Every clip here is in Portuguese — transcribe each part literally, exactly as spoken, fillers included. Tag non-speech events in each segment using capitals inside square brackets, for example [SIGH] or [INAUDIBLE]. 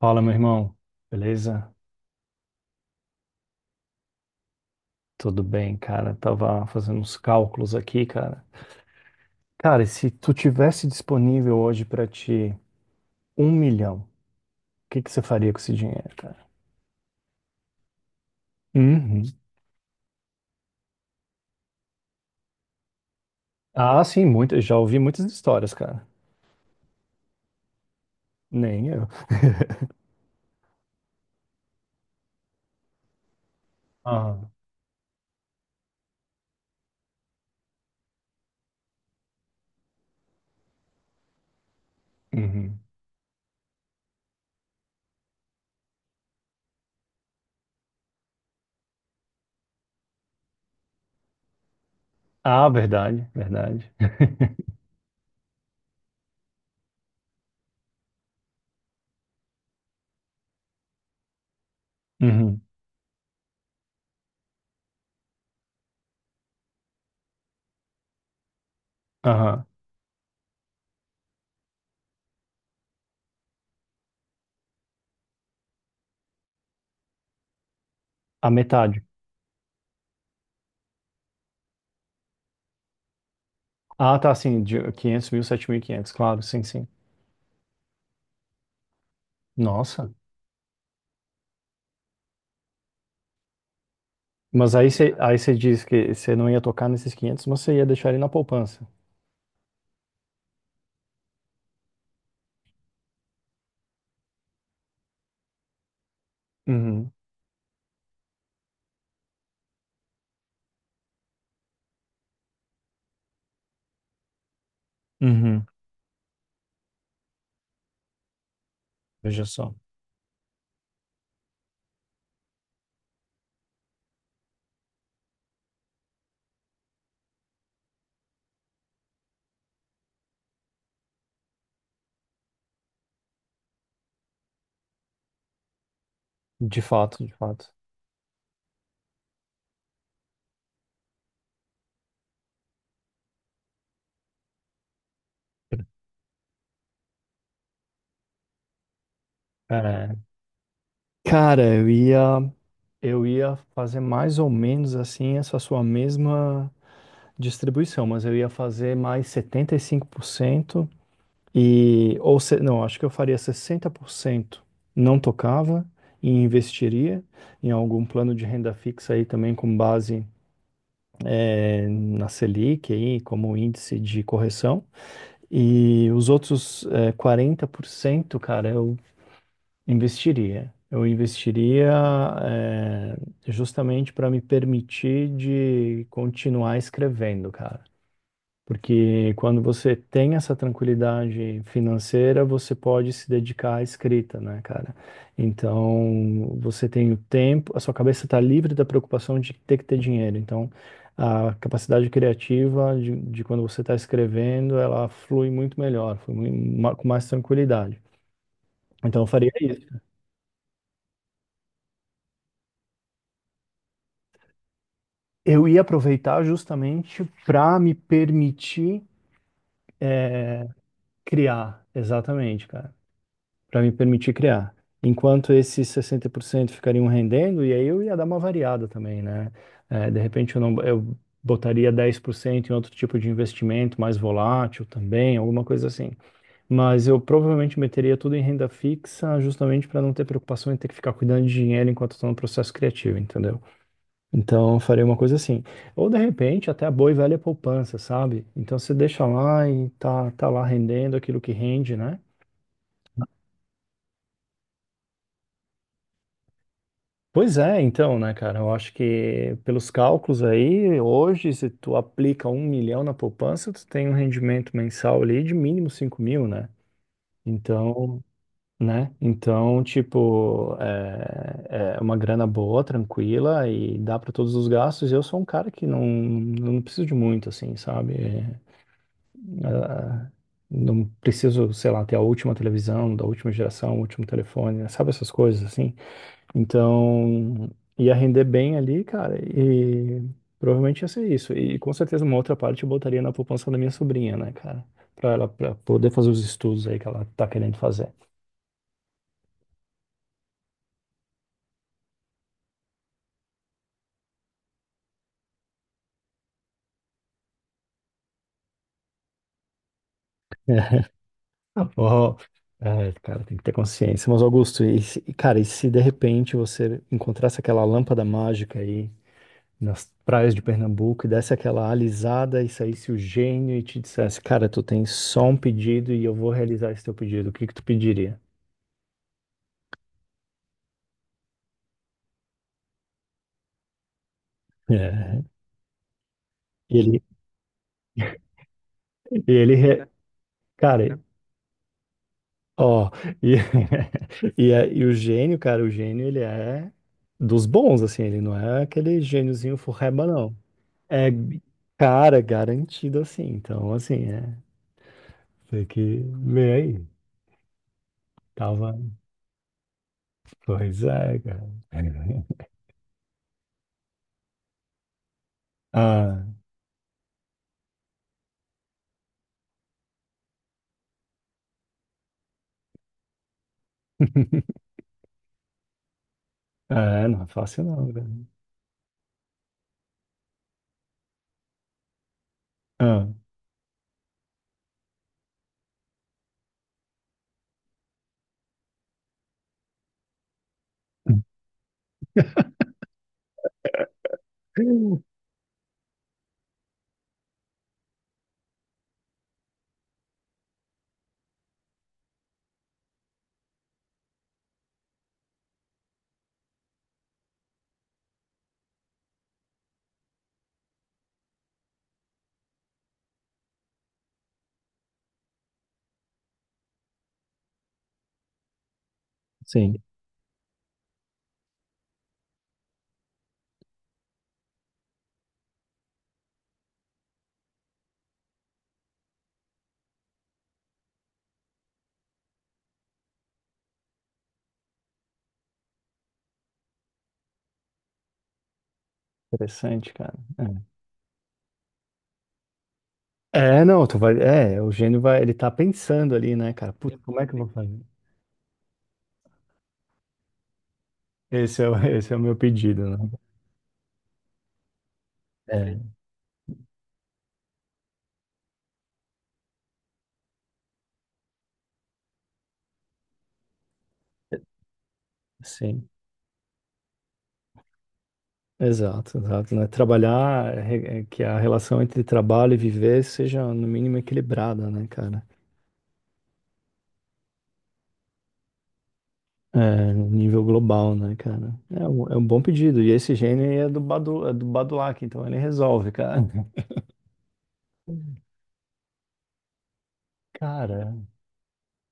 Fala, meu irmão. Beleza? Tudo bem, cara. Tava fazendo uns cálculos aqui, cara. Cara, e se tu tivesse disponível hoje pra ti um milhão, o que que você faria com esse dinheiro, cara? Uhum. Ah, sim, muito. Já ouvi muitas histórias, cara. Nem eu. [LAUGHS] Ah, uhum. Ah, verdade, verdade. [LAUGHS] Uhum. Aham. A metade. Ah, tá, sim, de quinhentos mil, sete mil e quinhentos, claro, sim, sim. Nossa. Mas aí você aí você diz que você não ia tocar nesses quinhentos, mas você ia deixar ele na poupança. Uhum, uhum. Veja só. De fato, de fato. É. Cara, eu ia, eu ia fazer mais ou menos assim essa sua mesma distribuição, mas eu ia fazer mais setenta e cinco por cento e cinco por cento e ou se- não, acho que eu faria sessenta por cento, não tocava, e investiria em algum plano de renda fixa aí também com base na Selic aí como índice de correção. E os outros é, quarenta por cento, cara, eu investiria. Eu investiria é, justamente para me permitir de continuar escrevendo, cara. Porque quando você tem essa tranquilidade financeira, você pode se dedicar à escrita, né, cara? Então, você tem o tempo, a sua cabeça está livre da preocupação de ter que ter dinheiro. Então, a capacidade criativa de, de quando você está escrevendo, ela flui muito melhor, flui mui- ma- com mais tranquilidade. Então, eu faria isso. Eu ia aproveitar justamente para me permitir, eh, criar, exatamente, cara. Para me permitir criar. Enquanto esses sessenta por cento ficariam rendendo, e aí eu ia dar uma variada também, né? Eh, de repente eu não, eu botaria dez por cento em outro tipo de investimento, mais volátil também, alguma coisa assim. Mas eu provavelmente meteria tudo em renda fixa, justamente para não ter preocupação em ter que ficar cuidando de dinheiro enquanto estou no processo criativo, entendeu? Então eu faria uma coisa assim. Ou de repente até a boa e velha poupança, sabe? Então você deixa lá e tá, tá lá rendendo aquilo que rende, né? Pois é, então, né, cara? Eu acho que pelos cálculos aí, hoje, se tu aplica um milhão na poupança, tu tem um rendimento mensal ali de mínimo cinco mil, né? Então, né? Então, tipo, é, é uma grana boa, tranquila e dá para todos os gastos. Eu sou um cara que não, não preciso de muito, assim, sabe? É, ah, não preciso, sei lá, ter a última televisão, da última geração, o último telefone, né? Sabe essas coisas, assim? Então, ia render bem ali, cara, e provavelmente ia ser isso. E com certeza uma outra parte eu botaria na poupança da minha sobrinha, né, cara? Pra ela pra poder fazer os estudos aí que ela tá querendo fazer. [LAUGHS] Oh, é, cara, tem que ter consciência. Mas, Augusto, e, se- e, cara, e se de repente você encontrasse aquela lâmpada mágica aí nas praias de Pernambuco e desse aquela alisada e saísse o gênio e te dissesse, cara, tu tem só um pedido e eu vou realizar esse teu pedido, o que que tu pediria? É. Ele. [LAUGHS] E ele, re- cara, ó, e, [LAUGHS] e, é- e o gênio, cara, o gênio, ele é dos bons, assim, ele não é aquele gêniozinho forreba, não. É, cara, garantido, assim, então, assim, é, tem que ver aí, tava, pois é, cara. [LAUGHS] Ah, é, não é fácil não, cara. Ah, sim, interessante, cara. É, É, não, tu vai, é, o gênio vai, ele tá pensando ali, né, cara, puta, como é que eu vou fazer? Esse é, o- [LAUGHS] esse é o meu pedido, né? É, sim, exato, exato, né? Trabalhar, re- é que a relação entre trabalho e viver seja no mínimo equilibrada, né, cara? É, no nível global, né, cara? É, um- é um bom pedido. E esse gênio aí é do Badu, é do Badulac, então ele resolve, cara. [LAUGHS] Cara,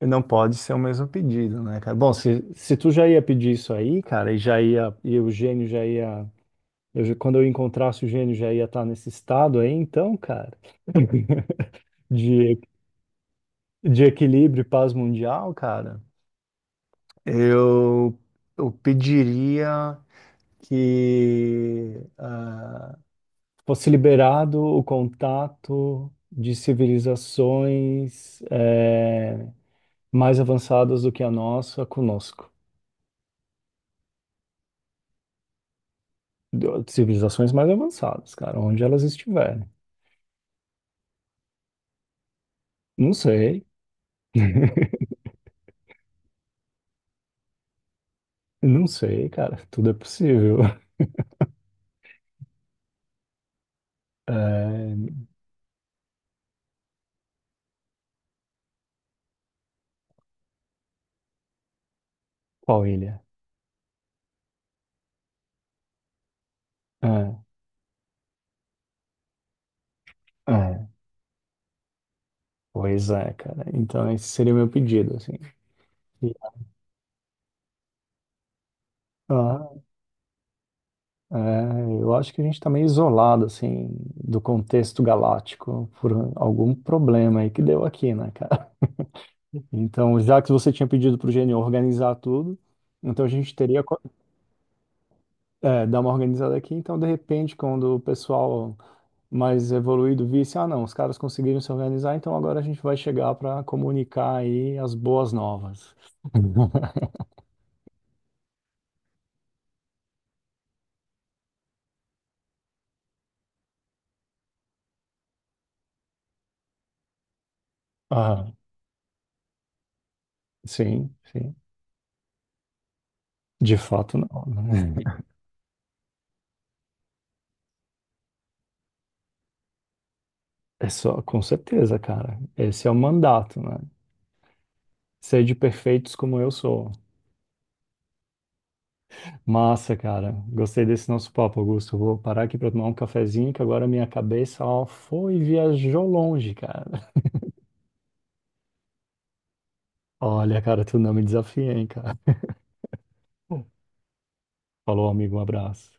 não pode ser o mesmo pedido, né, cara? Bom, se, se tu já ia pedir isso aí, cara, e já ia, e o gênio já ia, eu já- quando eu encontrasse o gênio já ia estar nesse estado aí, então, cara. [LAUGHS] de, de equilíbrio e paz mundial, cara, eu, eu pediria que ah, fosse liberado o contato de civilizações eh, mais avançadas do que a nossa conosco. Do- Civilizações mais avançadas, cara, onde elas estiverem. Não sei, não sei, cara, [LAUGHS] tudo é possível. [LAUGHS] Eh, qual ilha? É, é, pois é, cara. Então esse seria o meu pedido, assim. E, ah, é, eu acho que a gente está meio isolado, assim, do contexto galáctico por algum problema aí que deu aqui, né, cara? [LAUGHS] Então, já que você tinha pedido para o gênio organizar tudo, então a gente teria co- é, dar uma organizada aqui. Então, de repente, quando o pessoal mais evoluído visse, ah, não, os caras conseguiram se organizar, então agora a gente vai chegar para comunicar aí as boas novas. [LAUGHS] Ah, sim, sim. De fato, não. Né? É só, com certeza, cara. Esse é o mandato, né? Ser de perfeitos como eu sou. Massa, cara. Gostei desse nosso papo, Augusto. Vou parar aqui pra tomar um cafezinho, que agora minha cabeça, ó, foi e viajou longe, cara. [LAUGHS] Olha, cara, tu não me desafia, hein, cara. Falou, amigo, um abraço.